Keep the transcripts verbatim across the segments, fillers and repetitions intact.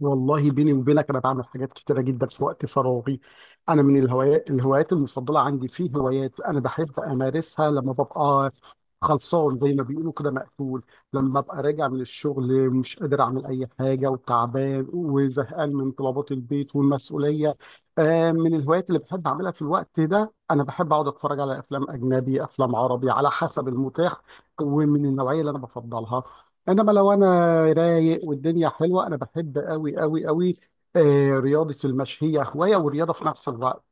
والله بيني وبينك، انا بعمل حاجات كتيره جدا في وقت فراغي. انا من الهوايات الهوايات المفضله عندي، في هوايات انا بحب امارسها لما ببقى خلصان، زي ما بيقولوا كده، مقفول. لما ببقى راجع من الشغل مش قادر اعمل اي حاجه، وتعبان وزهقان من طلبات البيت والمسؤوليه. آه، من الهوايات اللي بحب اعملها في الوقت ده، انا بحب اقعد اتفرج على افلام اجنبي، افلام عربي على حسب المتاح ومن النوعيه اللي انا بفضلها. انما لو انا رايق والدنيا حلوه، انا بحب قوي قوي قوي رياضه المشي. هي هوايه ورياضه في نفس الوقت.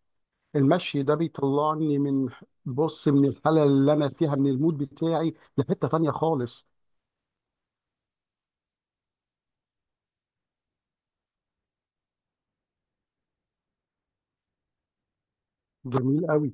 المشي ده بيطلعني من، بص، من الحاله اللي انا فيها، من المود بتاعي لحته تانيه خالص. جميل قوي.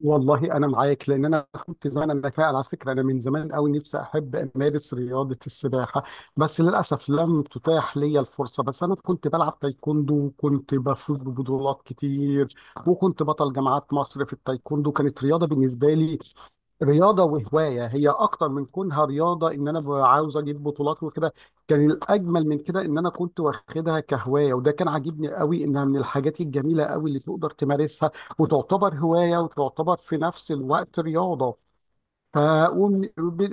والله انا معاك، لان انا كنت زمان، انا فعلا على فكره انا من زمان قوي نفسي احب امارس رياضه السباحه، بس للاسف لم تتاح لي الفرصه. بس انا كنت بلعب تايكوندو وكنت بفوز ببطولات كتير، وكنت بطل جامعات مصر في التايكوندو. كانت رياضه بالنسبه لي، رياضة وهواية. هي أكتر من كونها رياضة، إن أنا ب- عاوز أجيب بطولات وكده. كان الأجمل من كده إن أنا كنت واخدها كهواية، وده كان عاجبني قوي. إنها من الحاجات الجميلة قوي اللي تقدر تمارسها، وتعتبر هواية وتعتبر في نفس الوقت رياضة. ف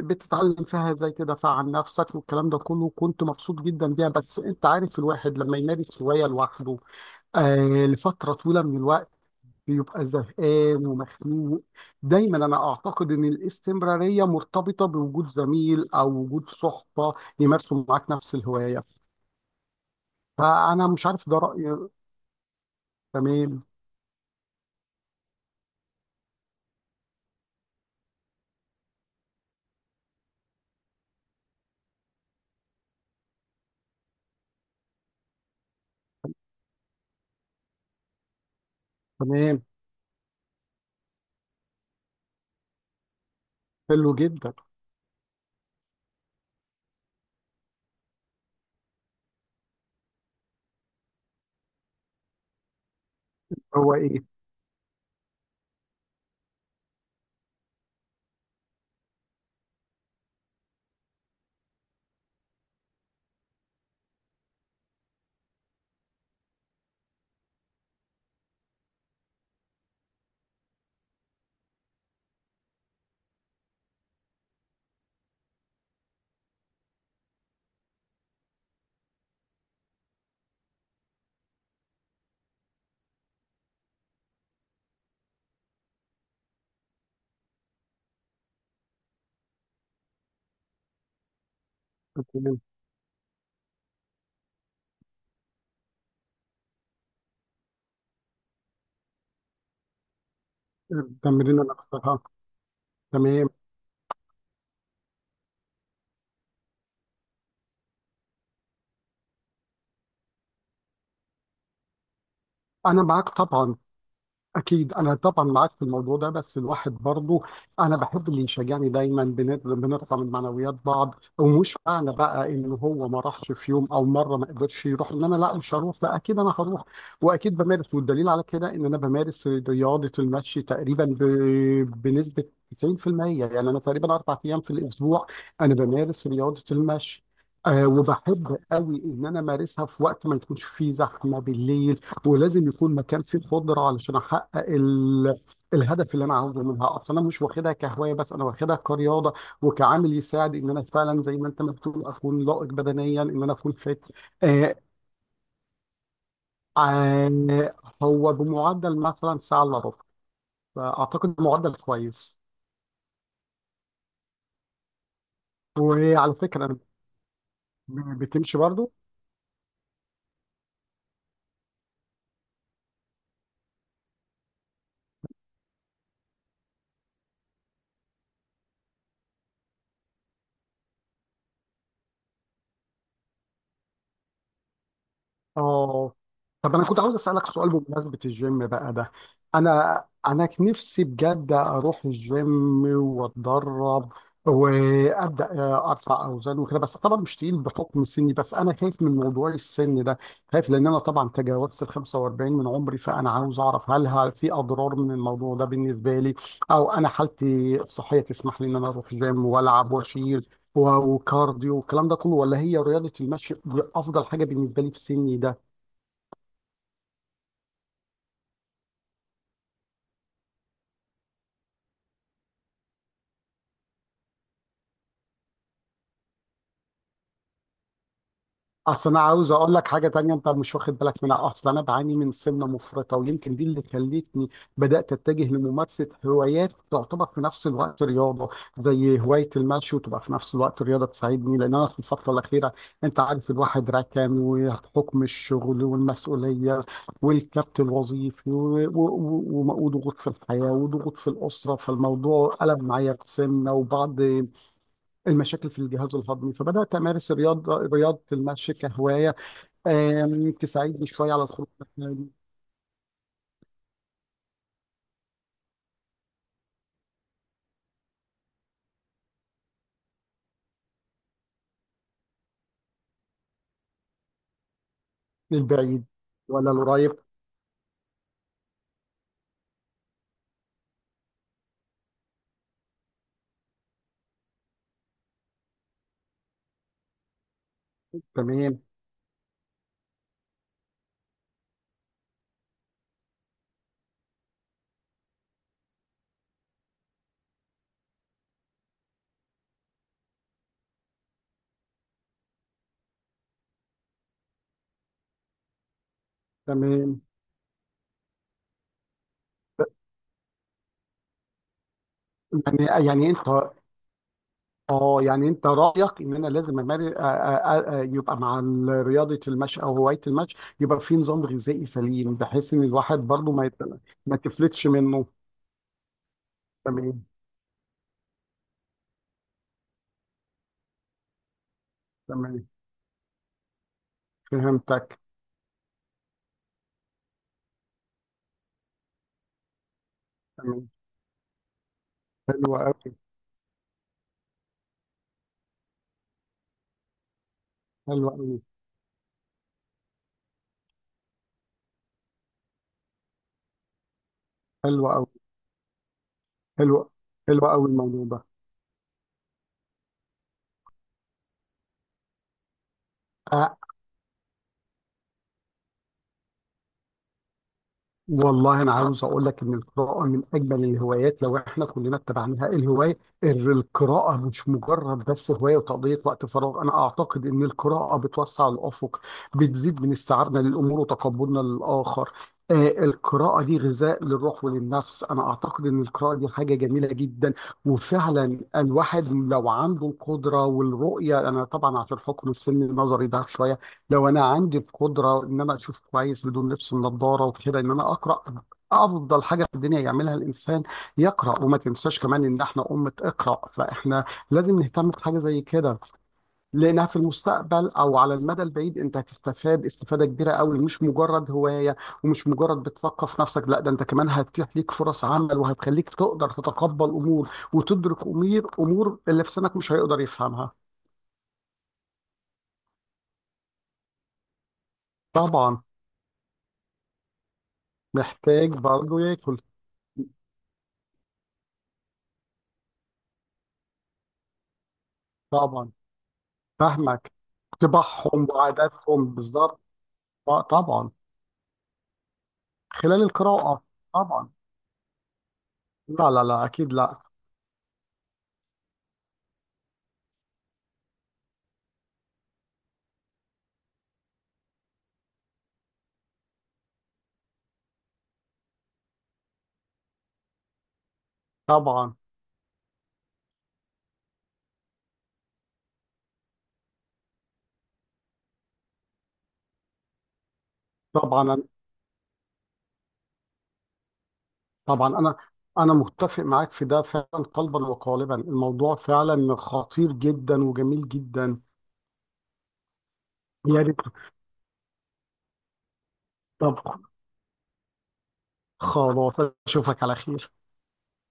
بتتعلم فيها زي كده فعن نفسك، والكلام ده كله كنت مبسوط جدا بيها. بس انت عارف، الواحد لما يمارس هواية لوحده آه لفترة طويلة من الوقت بيبقى زهقان ومخنوق. دايما انا اعتقد ان الاستمرارية مرتبطة بوجود زميل او وجود صحبة يمارسوا معاك نفس الهواية. فانا مش عارف، ده رأيي. تمام. تمام. حلو جدا. هو ايه؟ التمرين الأقصى. آه، تمام. أنا معاك طبعا. أكيد أنا طبعا معاك في الموضوع ده. بس الواحد برضه أنا بحب اللي يشجعني دايما، بنت- بنرفع من معنويات بعض. ومش معنى بقى إن هو ما راحش في يوم أو مرة ما قدرش يروح إن أنا لا مش هروح. لا، أكيد أنا هروح. وأكيد بمارس. والدليل على كده إن أنا بمارس رياضة المشي تقريبا ب... بنسبة تسعين في المية. يعني أنا تقريبا أربع أيام في الأسبوع أنا بمارس رياضة المشي. أه وبحب قوي ان انا امارسها في وقت ما يكونش فيه زحمه بالليل، ولازم يكون مكان فيه خضره علشان احقق ال... الهدف اللي انا عاوزه منها. اصلا انا مش واخدها كهوايه بس، انا واخدها كرياضه وكعامل يساعد ان انا فعلا زي ما انت ما بتقول اكون لائق بدنيا، ان انا اكون فت آه آه هو بمعدل مثلا ساعه الا ربع، فاعتقد معدل كويس. وعلى فكره بتمشي برضو. اه، طب انا كنت عاوز اسالك سؤال بمناسبه الجيم بقى ده. انا انا كان نفسي بجد اروح الجيم واتدرب وابدا آه، ارفع اوزان وكده، بس طبعا مش تقيل بحكم سني. بس انا خايف من موضوع السن ده. خايف لان انا طبعا تجاوزت ال خمسة واربعين من عمري. فانا عاوز اعرف هل هل في اضرار من الموضوع ده بالنسبه لي، او انا حالتي الصحيه تسمح لي ان انا اروح جيم والعب واشيل و- وكارديو والكلام ده كله، ولا هي رياضة المشي أفضل حاجة بالنسبة لي في سني ده. اصل انا عاوز اقول لك حاجه تانية انت مش واخد بالك منها. اصل انا بعاني من سمنه مفرطه، ويمكن دي اللي خلتني بدات اتجه لممارسه هوايات تعتبر في نفس الوقت رياضه، زي هوايه المشي، وتبقى في نفس الوقت رياضه تساعدني. لان انا في الفتره الاخيره، انت عارف، الواحد ركن وحكم الشغل والمسؤوليه والكبت الوظيفي و- و- و- وضغوط في الحياه وضغوط في الاسره، فالموضوع قلب معايا بسمنه وبعض المشاكل في الجهاز الهضمي. فبدات امارس الرياضه، رياضه المشي كهوايه آم، تساعدني شويه على الخروج. للبعيد ولا القريب؟ تمام. تمام. يعني يعني انت، اه، يعني انت رايك ان انا لازم امارس، يبقى مع ال- رياضه المشي او هوايه المشي، يبقى في نظام غذائي سليم بحيث ان الواحد برضه ما يت- ما تفلتش منه. تمام. تمام. فهمتك. تمام. حلو قوي. حلو قوي. حلو قوي. حلو. حلو قوي الموضوع ده. أه والله انا عاوز اقول لك ان القراءه من اجمل الهوايات لو احنا كلنا اتبعناها. الهوايه، ال- القراءه مش مجرد بس هوايه وتقضيه وقت فراغ. انا اعتقد ان القراءه بتوسع الافق، بتزيد من استيعابنا للامور وتقبلنا للاخر. آه القراءه دي غذاء للروح وللنفس. انا اعتقد ان القراءه دي حاجه جميله جدا. وفعلا الواحد لو عنده القدره والرؤيه، انا طبعا عشان حكم السن النظري ده شويه، لو انا عندي القدره ان انا اشوف كويس بدون لبس النضاره وكده ان انا اقرا، افضل حاجه في الدنيا يعملها الانسان يقرا. وما تنساش كمان ان احنا امه اقرا، فاحنا لازم نهتم بحاجه زي كده، لانها في المستقبل او على المدى البعيد انت هتستفاد استفاده كبيره قوي، مش مجرد هوايه ومش مجرد بتثقف نفسك. لا، ده انت كمان هتتيح ليك فرص عمل، وهتخليك تقدر تتقبل امور وتدرك امور، امور اللي في سنك مش هيقدر يفهمها. طبعا. محتاج برضه ياكل. طبعا. فاهمك. طباعهم وعاداتهم بالظبط. آه، طبعا. خلال القراءة. طبعا. لا لا لا، أكيد لا. طبعا. طبعا أنا- طبعا أنا، أنا متفق معاك في ده فعلا، قلبا وقالبا. الموضوع فعلا خطير جدا وجميل جدا. يا ريت. طب. خلاص. أشوفك على خير.